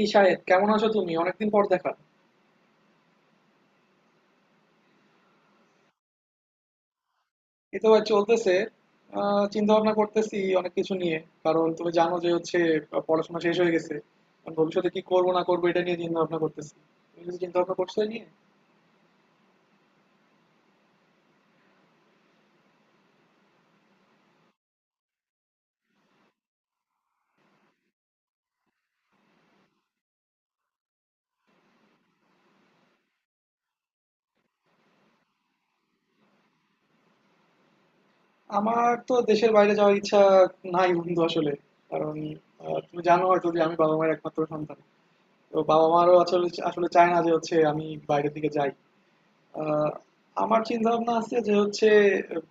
এই শাহেদ, কেমন আছো তুমি? অনেকদিন পর দেখা। এই তো ভাই চলতেছে। চিন্তা ভাবনা করতেছি অনেক কিছু নিয়ে। কারণ তুমি জানো যে হচ্ছে পড়াশোনা শেষ হয়ে গেছে। এখন ভবিষ্যতে কি করবো না করবো এটা নিয়ে চিন্তা ভাবনা করতেছি। তুমি কিছু চিন্তা ভাবনা করছো এই নিয়ে? আমার তো দেশের বাইরে যাওয়ার ইচ্ছা নাই বন্ধু আসলে। কারণ তুমি জানো হয়তো যে আমি বাবা মায়ের একমাত্র সন্তান। তো বাবা মারও আসলে আসলে চায় না যে হচ্ছে আমি বাইরের দিকে যাই। আহ, আমার চিন্তা ভাবনা আছে যে হচ্ছে আহ,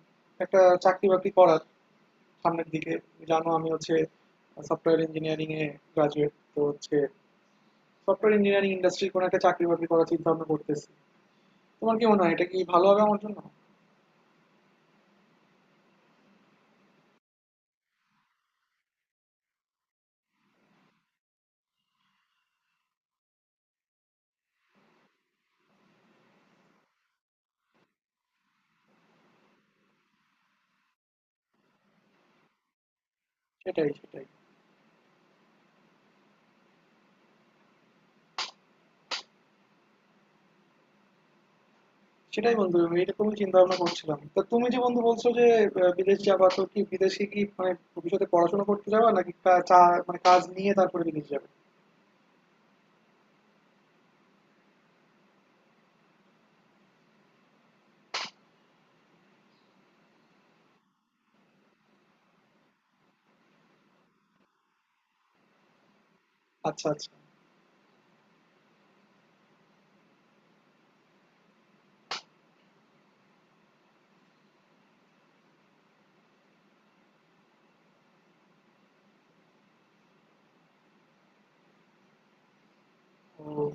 একটা চাকরি বাকরি করার সামনের দিকে। জানো আমি হচ্ছে সফটওয়্যার ইঞ্জিনিয়ারিং এ গ্রাজুয়েট, তো হচ্ছে সফটওয়্যার ইঞ্জিনিয়ারিং ইন্ডাস্ট্রির কোনো একটা চাকরি বাকরি করার চিন্তা ভাবনা করতেছি। তোমার কি মনে হয়, এটা কি ভালো হবে আমার জন্য? সেটাই, সেটাই। সেটাই বন্ধু, আমি এরকমই চিন্তা ভাবনা করছিলাম। তা তুমি যে বন্ধু বলছো যে বিদেশ যাবা, তো কি বিদেশে কি মানে ভবিষ্যতে পড়াশোনা করতে যাবা, নাকি মানে কাজ নিয়ে তারপরে বিদেশ যাবে? আচ্ছা, আচ্ছা। ও।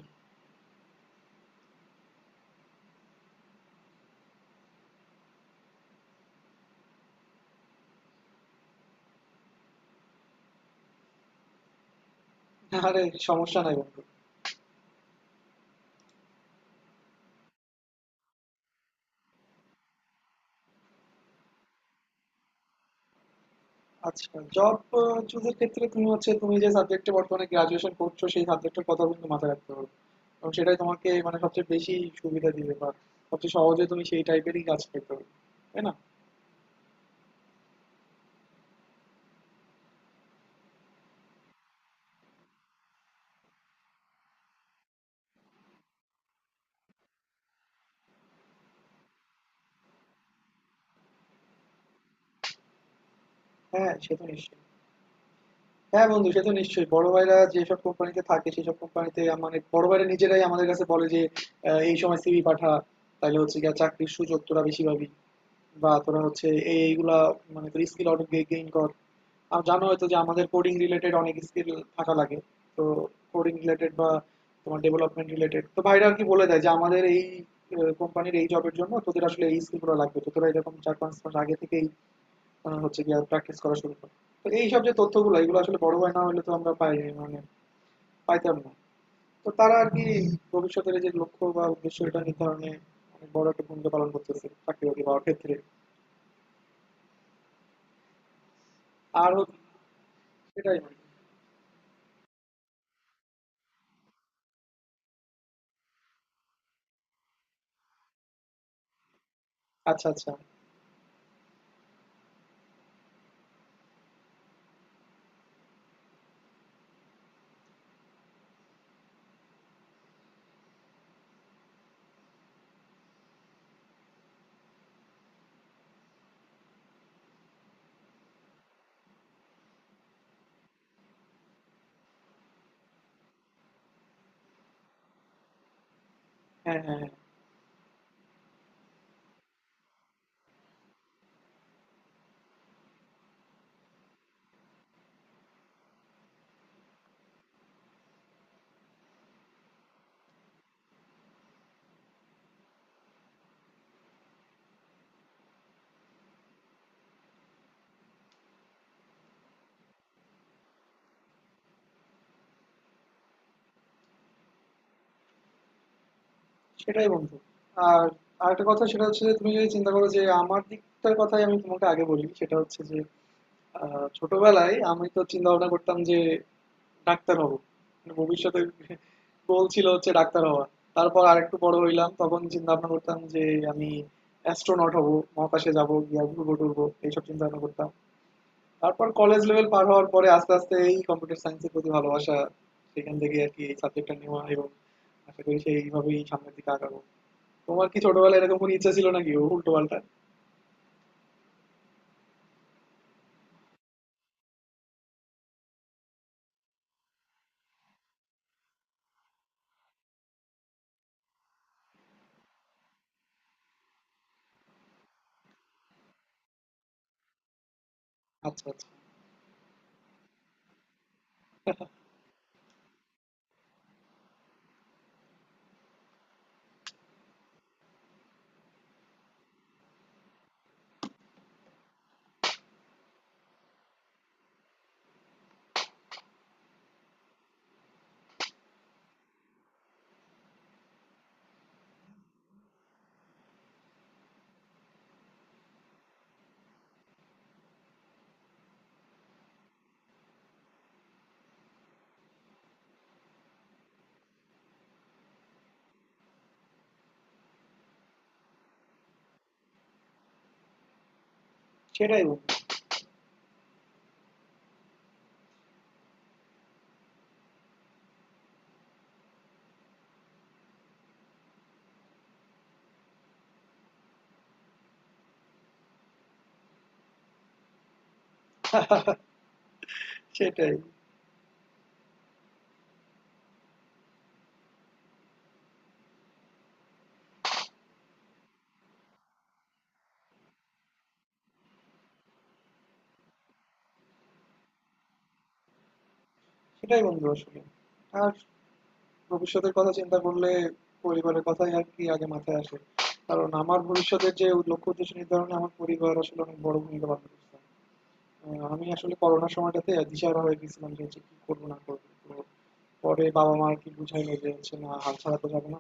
আরে সমস্যা নাই বন্ধু। আচ্ছা, জব চুজের ক্ষেত্রে তুমি হচ্ছে তুমি যে সাবজেক্টে বর্তমানে গ্রাজুয়েশন করছো সেই সাবজেক্টের কথা কিন্তু মাথায় রাখতে হবে। এবং সেটাই তোমাকে মানে সবচেয়ে বেশি সুবিধা দিবে, বা সবচেয়ে সহজে তুমি সেই টাইপেরই কাজ পেতে পারবে, তাই না? হ্যাঁ, সে তো নিশ্চয়ই। হ্যাঁ বন্ধু, সে তো নিশ্চয়ই। বড় ভাইরা যেসব কোম্পানিতে থাকে সেসব কোম্পানিতে, মানে বড় ভাইরা নিজেরাই আমাদের কাছে বলে যে এই সময় সিভি পাঠা, তাহলে হচ্ছে গিয়ে চাকরির সুযোগ তোরা বেশি পাবি। বা তোরা হচ্ছে এইগুলা মানে তোর স্কিল আউট গেইন কর। আর জানো হয়তো যে আমাদের কোডিং রিলেটেড অনেক স্কিল থাকা লাগে। তো কোডিং রিলেটেড বা তোমার ডেভেলপমেন্ট রিলেটেড, তো ভাইরা আর কি বলে দেয় যে আমাদের এই কোম্পানির এই জবের জন্য তোদের আসলে এই স্কিলগুলো লাগবে, তো তোরা এরকম 4-5 মাস আগে থেকেই হচ্ছে গিয়ে প্র্যাকটিস করা শুরু কর। তো এই সব যে তথ্যগুলো, এগুলো আসলে বড় হয় না হলে তো আমরা পাই, মানে পাইতাম না। তো তারা আর কি ভবিষ্যতের এই যে লক্ষ্য বা উদ্দেশ্য, এটা নির্ধারণে অনেক বড় একটা ভূমিকা পালন করতেছে চাকরি বাকরি পাওয়ার ক্ষেত্রে। আর সেটাই। আচ্ছা, আচ্ছা। হ্যাঁ, হ্যাঁ, হ্যাঁ। সেটাই বন্ধু। আর আরেকটা কথা, সেটা হচ্ছে যে তুমি যদি চিন্তা করো যে আমার দিকটার কথাই আমি তোমাকে আগে বলি, সেটা হচ্ছে যে ছোটবেলায় আমি তো চিন্তা ভাবনা করতাম যে ডাক্তার হব, মানে ভবিষ্যতে গোল ছিল হচ্ছে ডাক্তার হওয়া। তারপর আরেকটু বড় হইলাম, তখন চিন্তা ভাবনা করতাম যে আমি অ্যাস্ট্রোনট হব, মহাকাশে যাব গিয়া ঘুরবো টুরবো, এইসব চিন্তা ভাবনা করতাম। তারপর কলেজ লেভেল পার হওয়ার পরে আস্তে আস্তে এই কম্পিউটার সায়েন্সের প্রতি ভালোবাসা, সেখান থেকে আর কি এই সাবজেক্টটা নেওয়া, এবং আশা করি সেইভাবেই সামনের দিকে আগাবো। তোমার কি ছোটবেলায় এরকম কোনো ইচ্ছা ছিল, নাকি ও উল্টো পাল্টা? আচ্ছা, আচ্ছা। সেটাই বন্ধু। সেটাই সেটাই বন্ধু আসলে। আর ভবিষ্যতের কথা চিন্তা করলে পরিবারের কথাই আর কি আগে মাথায় আসে। কারণ আমার ভবিষ্যতের যে লক্ষ্য উদ্দেশ্য নির্ধারণে আমার পরিবার আসলে অনেক বড় ভূমিকা পালন করছে। আমি আসলে করোনার সময়টাতে দিশাহারা হয়ে গেছিলাম যে হচ্ছে কি করবো না করবো। তো পরে বাবা মা আর কি বুঝাইলো যে হচ্ছে না, হাল ছাড়া তো যাবো না।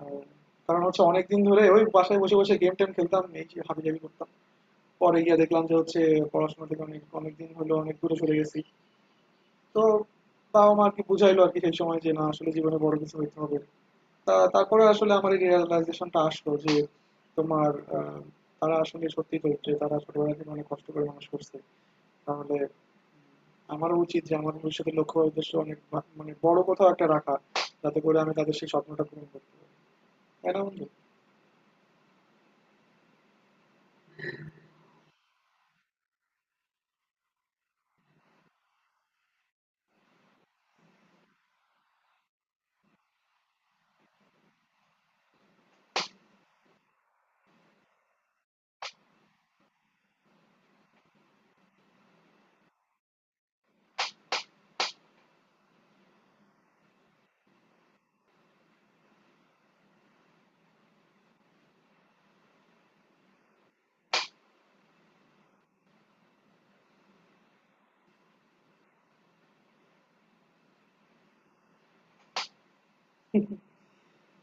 আহ, কারণ হচ্ছে অনেকদিন ধরে ওই বাসায় বসে বসে গেম টেম খেলতাম, এই হাবি জাবি করতাম। পরে গিয়ে দেখলাম যে হচ্ছে পড়াশোনা থেকে অনেক অনেকদিন হলো অনেক দূরে চলে গেছি। তো বাবা মা আর কি বুঝাইলো আর কি সেই সময় যে না, আসলে জীবনে বড় কিছু হইতে হবে। তা তারপরে আসলে আমার এই রিয়েলাইজেশনটা আসলো যে তোমার আহ, তারা আসলে সত্যি তো যে তারা ছোটবেলা থেকে অনেক কষ্ট করে মানুষ করছে। তাহলে আমারও উচিত যে আমার ভবিষ্যতের লক্ষ্য বা উদ্দেশ্য অনেক মানে বড় কোথাও একটা রাখা, যাতে করে আমি তাদের সেই স্বপ্নটা পূরণ করতে পারি। তাই না বন্ধু?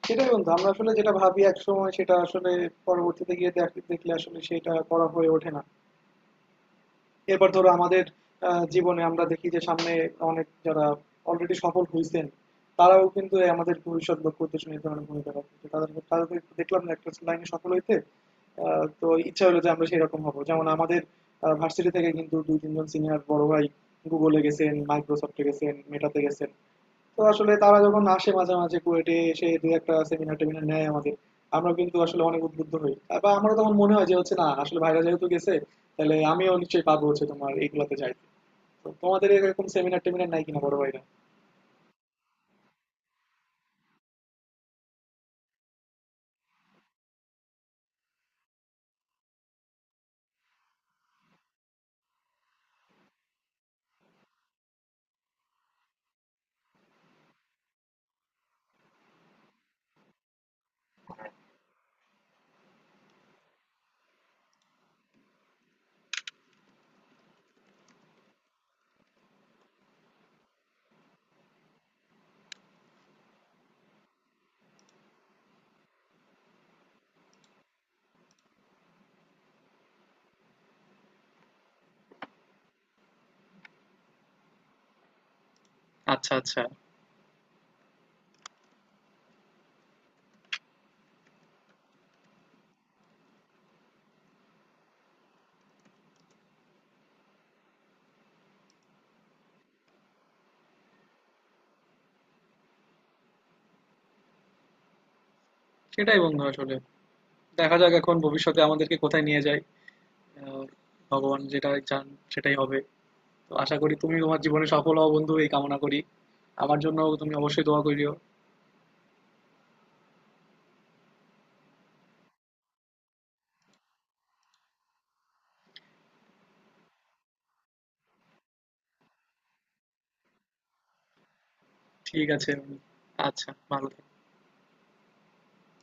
সেটাই বন্ধু, আমরা আসলে যেটা ভাবি এক সময় সেটা আসলে পরবর্তীতে গিয়ে দেখলে আসলে সেটা করা হয়ে ওঠে না। এরপর ধরো আমাদের জীবনে আমরা দেখি যে সামনে অনেক, যারা অলরেডি সফল হয়েছেন, তারাও কিন্তু এই আমাদের ভবিষ্যৎ লক্ষ্য উদ্দেশ্য নির্ধারণে ভূমিকা রাখে। তো তাদের তাদের দেখলাম না একটা লাইনে সফল হইতে। তো ইচ্ছা হলো যে আমরা সেরকম হব, যেমন আমাদের ভার্সিটি থেকে কিন্তু 2-3 জন সিনিয়র বড় ভাই গুগলে গেছেন, মাইক্রোসফটে গেছেন, মেটাতে গেছেন। তো আসলে তারা যখন আসে মাঝে মাঝে কুয়েটে এসে দু একটা সেমিনার টেমিনার নেয় আমাদের, আমরা কিন্তু আসলে অনেক উদ্বুদ্ধ হই। বা আমারও তখন মনে হয় যে হচ্ছে না, আসলে ভাইরা যেহেতু গেছে তাহলে আমিও নিশ্চয়ই পাবো হচ্ছে তোমার এইগুলাতে যাইতে। তো তোমাদের এরকম সেমিনার টেমিনার নাই কিনা বড় ভাইরা? আচ্ছা, আচ্ছা। সেটাই বন্ধু আসলে, দেখা যাক এখন ভবিষ্যতে আমাদেরকে কোথায় নিয়ে যায়। আহ, ভগবান যেটা চান সেটাই হবে। তো আশা করি তুমি তোমার জীবনে সফল হও বন্ধু, এই কামনা করি। আমার জন্য তুমি অবশ্যই দোয়া করিও। ঠিক আছে বন্ধু। আচ্ছা, ভালো থেকো।